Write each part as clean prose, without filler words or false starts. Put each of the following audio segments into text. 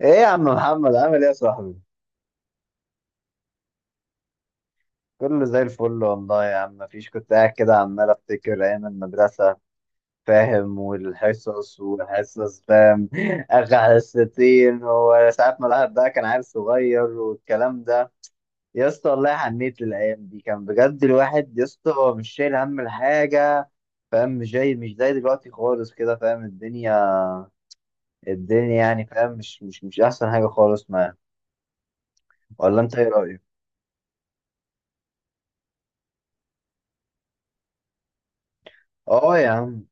ايه يا عم محمد، عامل ايه يا صاحبي؟ كله زي الفل والله يا عم. مفيش، كنت قاعد كده عمال افتكر ايام المدرسه، فاهم؟ والحصص فاهم. اخر حصتين، وساعات ما الواحد بقى كان عيل صغير والكلام ده. يا اسطى والله حنيت للايام دي، كان بجد الواحد يا اسطى هو مش شايل هم الحاجه، فاهم؟ مش زي دلوقتي خالص كده، فاهم؟ الدنيا، يعني فاهم مش احسن حاجه خالص معايا. ولا انت ايه رايك؟ اه يا عم.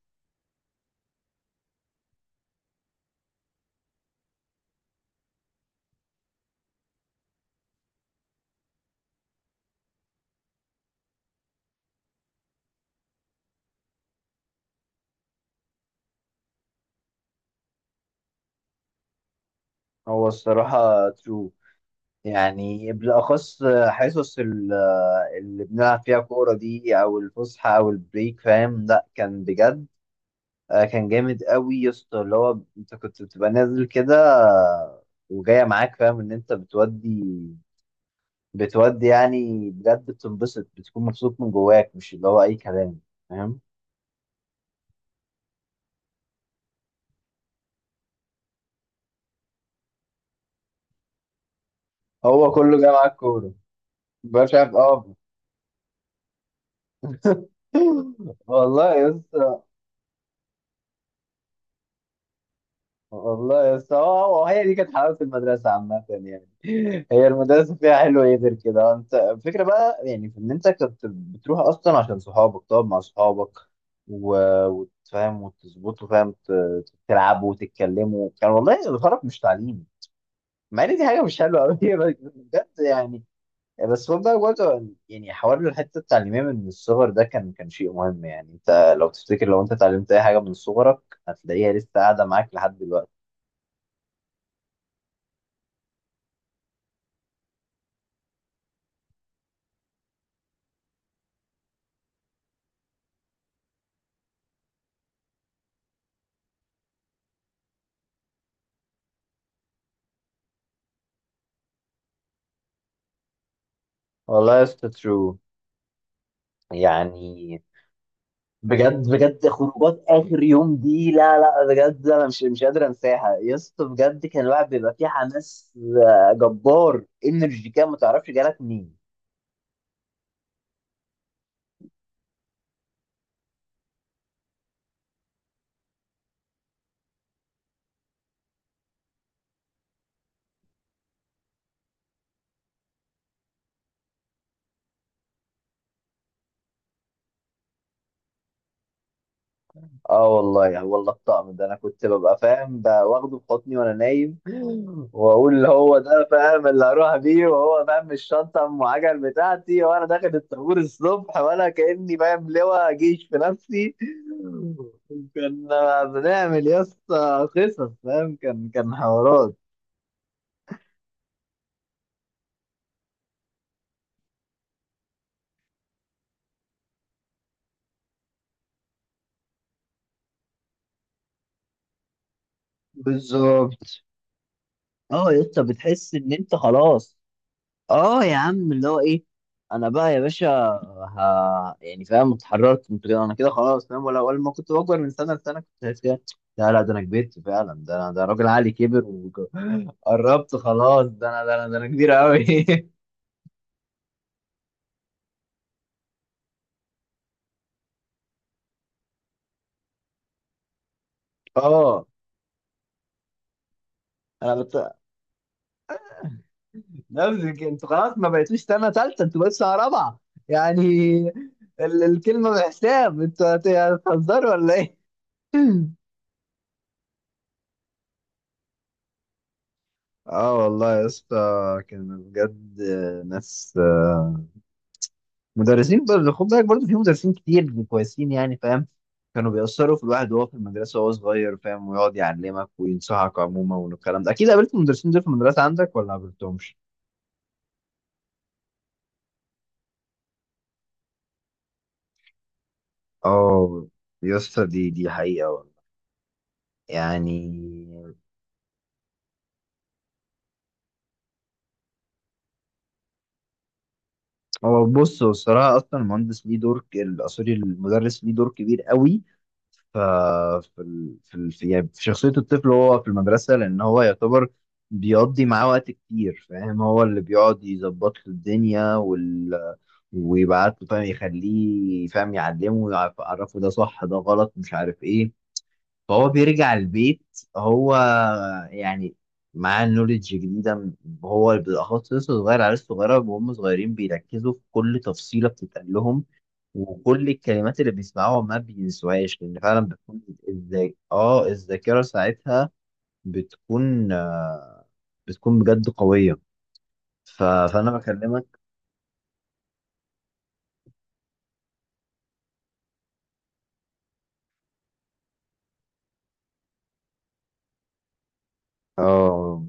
هو الصراحة ترو، يعني بالأخص حصص اللي بنلعب فيها كورة دي أو الفسحة أو البريك، فاهم؟ لأ، كان بجد كان جامد قوي يا اسطى، اللي هو أنت كنت بتبقى نازل كده آه، وجاية معاك، فاهم إن أنت بتودي، يعني بجد بتنبسط، بتكون مبسوط من جواك، مش اللي هو أي كلام، فاهم؟ هو كله جاي معاك كورة. مش عارف أه. والله يا اسطى. والله يا اسطى، هو هي دي كانت حلاوه المدرسه عامه يعني. هي المدرسه فيها حلو ايه غير كده؟ انت الفكره بقى يعني، في ان انت كنت بتروح اصلا عشان صحابك، تقعد مع صحابك و... وتفهم وتظبطوا، فاهم؟ تلعبوا وتتكلموا، كان والله الغرض مش تعليم، مع ان دي حاجه مش حلوه قوي. بجد يعني. بس هو بقى برضه يعني، حوار الحته التعليميه من الصغر ده كان شيء مهم، يعني انت لو تفتكر، لو انت اتعلمت اي حاجه من صغرك، هتلاقيها لسه قاعده معاك لحد دلوقتي. والله يا اسطى ترو، يعني بجد بجد، خروجات اخر يوم دي لا لا بجد، انا مش قادر انساها يا اسطى. بجد كان الواحد بيبقى فيه حماس، جبار، انرجي كده ما تعرفش جالك منين. اه والله يعني، والله الطقم ده انا كنت ببقى فاهم ده واخده في حضني وانا نايم. واقول اللي هو ده، فاهم اللي هروح بيه، وهو فاهم الشنطه ام عجل بتاعتي وانا داخل الطابور الصبح وانا كاني فاهم لواء جيش في نفسي. كنا بنعمل يا اسطى قصص، فاهم؟ كان حوارات. بالظبط. اه يا اسطى، بتحس ان انت خلاص، اه يا عم اللي هو ايه، انا بقى يا باشا. ها يعني، فاهم اتحررت، كنت كده، انا كده خلاص، فاهم؟ ولا ما كنت بكبر من سنه لسنه، كنت شايف كده. لا لا، ده انا كبرت فعلا، ده انا، ده راجل عقلي كبر، وقربت خلاص، ده انا، ده انا، ده انا كبير قوي. اه، انا بت... نفسي كده، انتوا خلاص ما بقيتوش سنه ثالثه، انتوا بقيتوا سنه رابعه يعني. الكلمه بحساب انتوا هتهزروا ولا ايه؟ اه والله يا اسطى، كان بجد ناس مدرسين برضه، خد بالك، برضه في مدرسين كتير كويسين يعني، فاهم؟ كانوا بيأثروا في الواحد وهو في المدرسة وهو صغير، فاهم؟ ويقعد يعلمك وينصحك عموما والكلام ده. أكيد قابلت المدرسين دول في المدرسة عندك ولا ما قابلتهمش؟ اه يا اسطى، دي حقيقة والله يعني. هو بص، هو الصراحة أصلا المهندس ليه دور سوري، المدرس ليه دور كبير قوي ف- في في يعني، في شخصية الطفل وهو في المدرسة، لأن هو يعتبر بيقضي معاه وقت كتير، فاهم؟ هو اللي بيقعد يظبط له الدنيا ويبعت له، فاهم يخليه، فاهم يعلمه يعرفه ده صح ده غلط، مش عارف إيه. فهو بيرجع البيت، هو يعني معاه نوليدج جديدة هو بالأخص لسه صغير، عيال صغيرة، وهم صغيرين بيركزوا في كل تفصيلة بتتقال لهم، وكل الكلمات اللي بيسمعوها ما بينسوهاش، لان فعلا بتكون الذاكره ساعتها بتكون بتكون بجد قويه. فانا بكلمك. اه.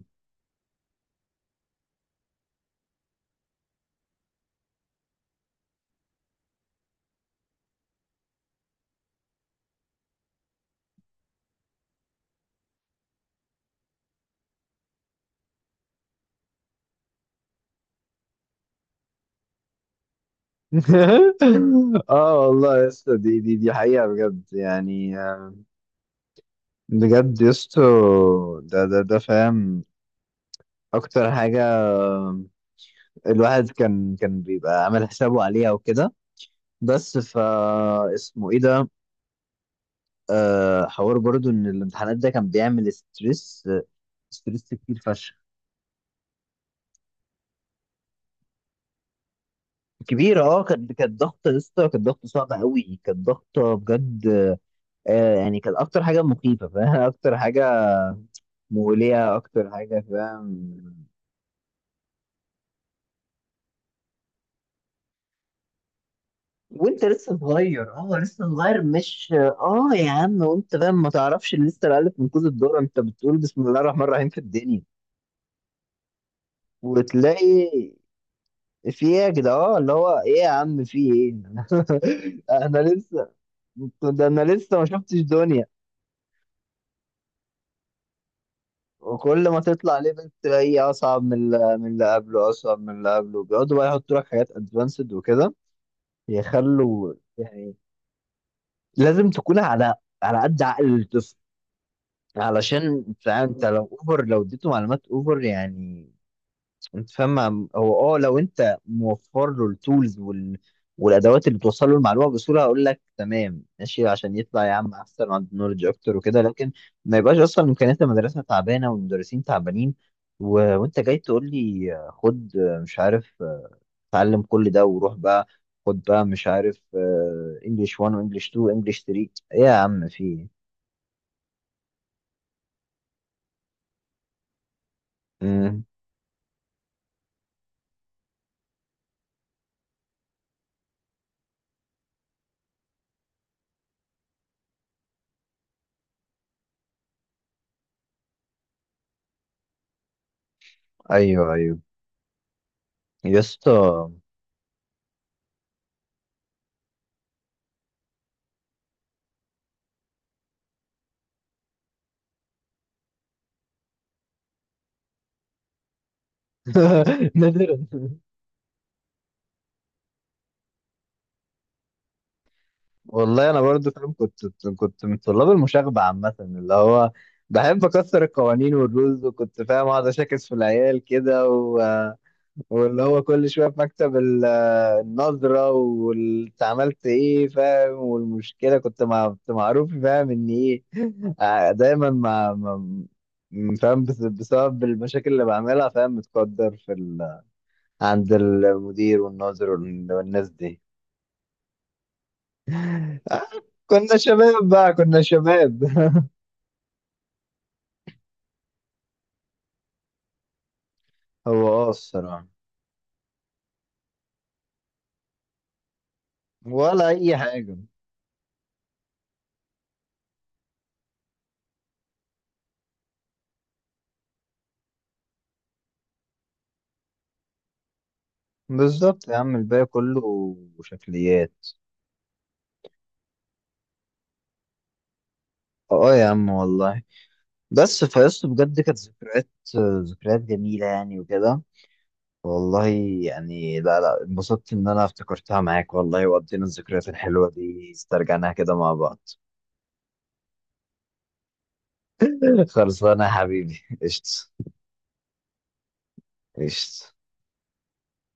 اه والله يا اسطى، دي حقيقه بجد، يعني آه، بجد يا اسطى، ده فاهم اكتر حاجه الواحد كان بيبقى عامل حسابه عليها وكده. بس فا اسمه ايه ده؟ آه، حوار برضو ان الامتحانات ده كان بيعمل ستريس، ستريس كتير فشخ. كبيرة اه، كانت ضغطة، لسه كانت ضغطة صعبة قوي، كانت ضغطة بجد. آه يعني، كانت أكتر حاجة مخيفة، فاهم؟ أكتر حاجة مولية، أكتر حاجة، فاهم؟ وأنت لسه صغير، اه لسه صغير، مش اه يا عم، وأنت فاهم ما تعرفش لسه الألف من كوز الدورة، أنت بتقول بسم الله الرحمن الرحيم في الدنيا، وتلاقي في ايه يا جدع، اه اللي هو ايه يا عم في ايه. انا لسه ده انا لسه ما شفتش دنيا. وكل ما تطلع ليفل تلاقيه اصعب من اللي قبله، اصعب من اللي قبله، بيقعدوا بقى يحطوا لك حاجات ادفانسد وكده، يخلوا يعني لازم تكون على قد عقل الطفل، علشان فاهم. انت لو اديته معلومات اوفر، يعني انت فاهم، هو اه، لو انت موفر له التولز والادوات اللي بتوصل له المعلومه بسهوله، هقول لك تمام ماشي، عشان يطلع يا عم احسن وعنده نولج اكتر وكده. لكن ما يبقاش اصلا امكانيات المدرسه تعبانه والمدرسين تعبانين، وانت جاي تقول لي، آه، خد، مش عارف، اتعلم كل ده وروح بقى، خد بقى مش عارف، انجلش 1 وانجلش 2 وانجلش 3، ايه يا عم في ايه؟ مم. ايوه ايوه يا اسطى. نادرا. والله انا برضو فاهم كنت من طلاب المشاغبه عامه، اللي هو بحب اكسر القوانين والرولز، وكنت فاهم اقعد اشاكس في العيال كده واللي هو كل شويه في مكتب النظره، وانت عملت ايه، فاهم؟ والمشكله كنت معروف، فاهم ان ايه. دايما فاهم، بسبب المشاكل اللي بعملها، فاهم متقدر عند المدير والناظر والناس دي. آه، كنا شباب بقى، كنا شباب. هو اه الصراحة، ولا أي حاجة. بالظبط يا عم، الباقي كله شكليات. اه يا عم والله، بس فيصل بجد كانت ذكريات جميلة يعني وكده، والله يعني، لا لا انبسطت إن أنا افتكرتها معاك والله، وقضينا الذكريات الحلوة دي، استرجعناها كده مع بعض. خلصانة يا حبيبي، قشطة. قشطة.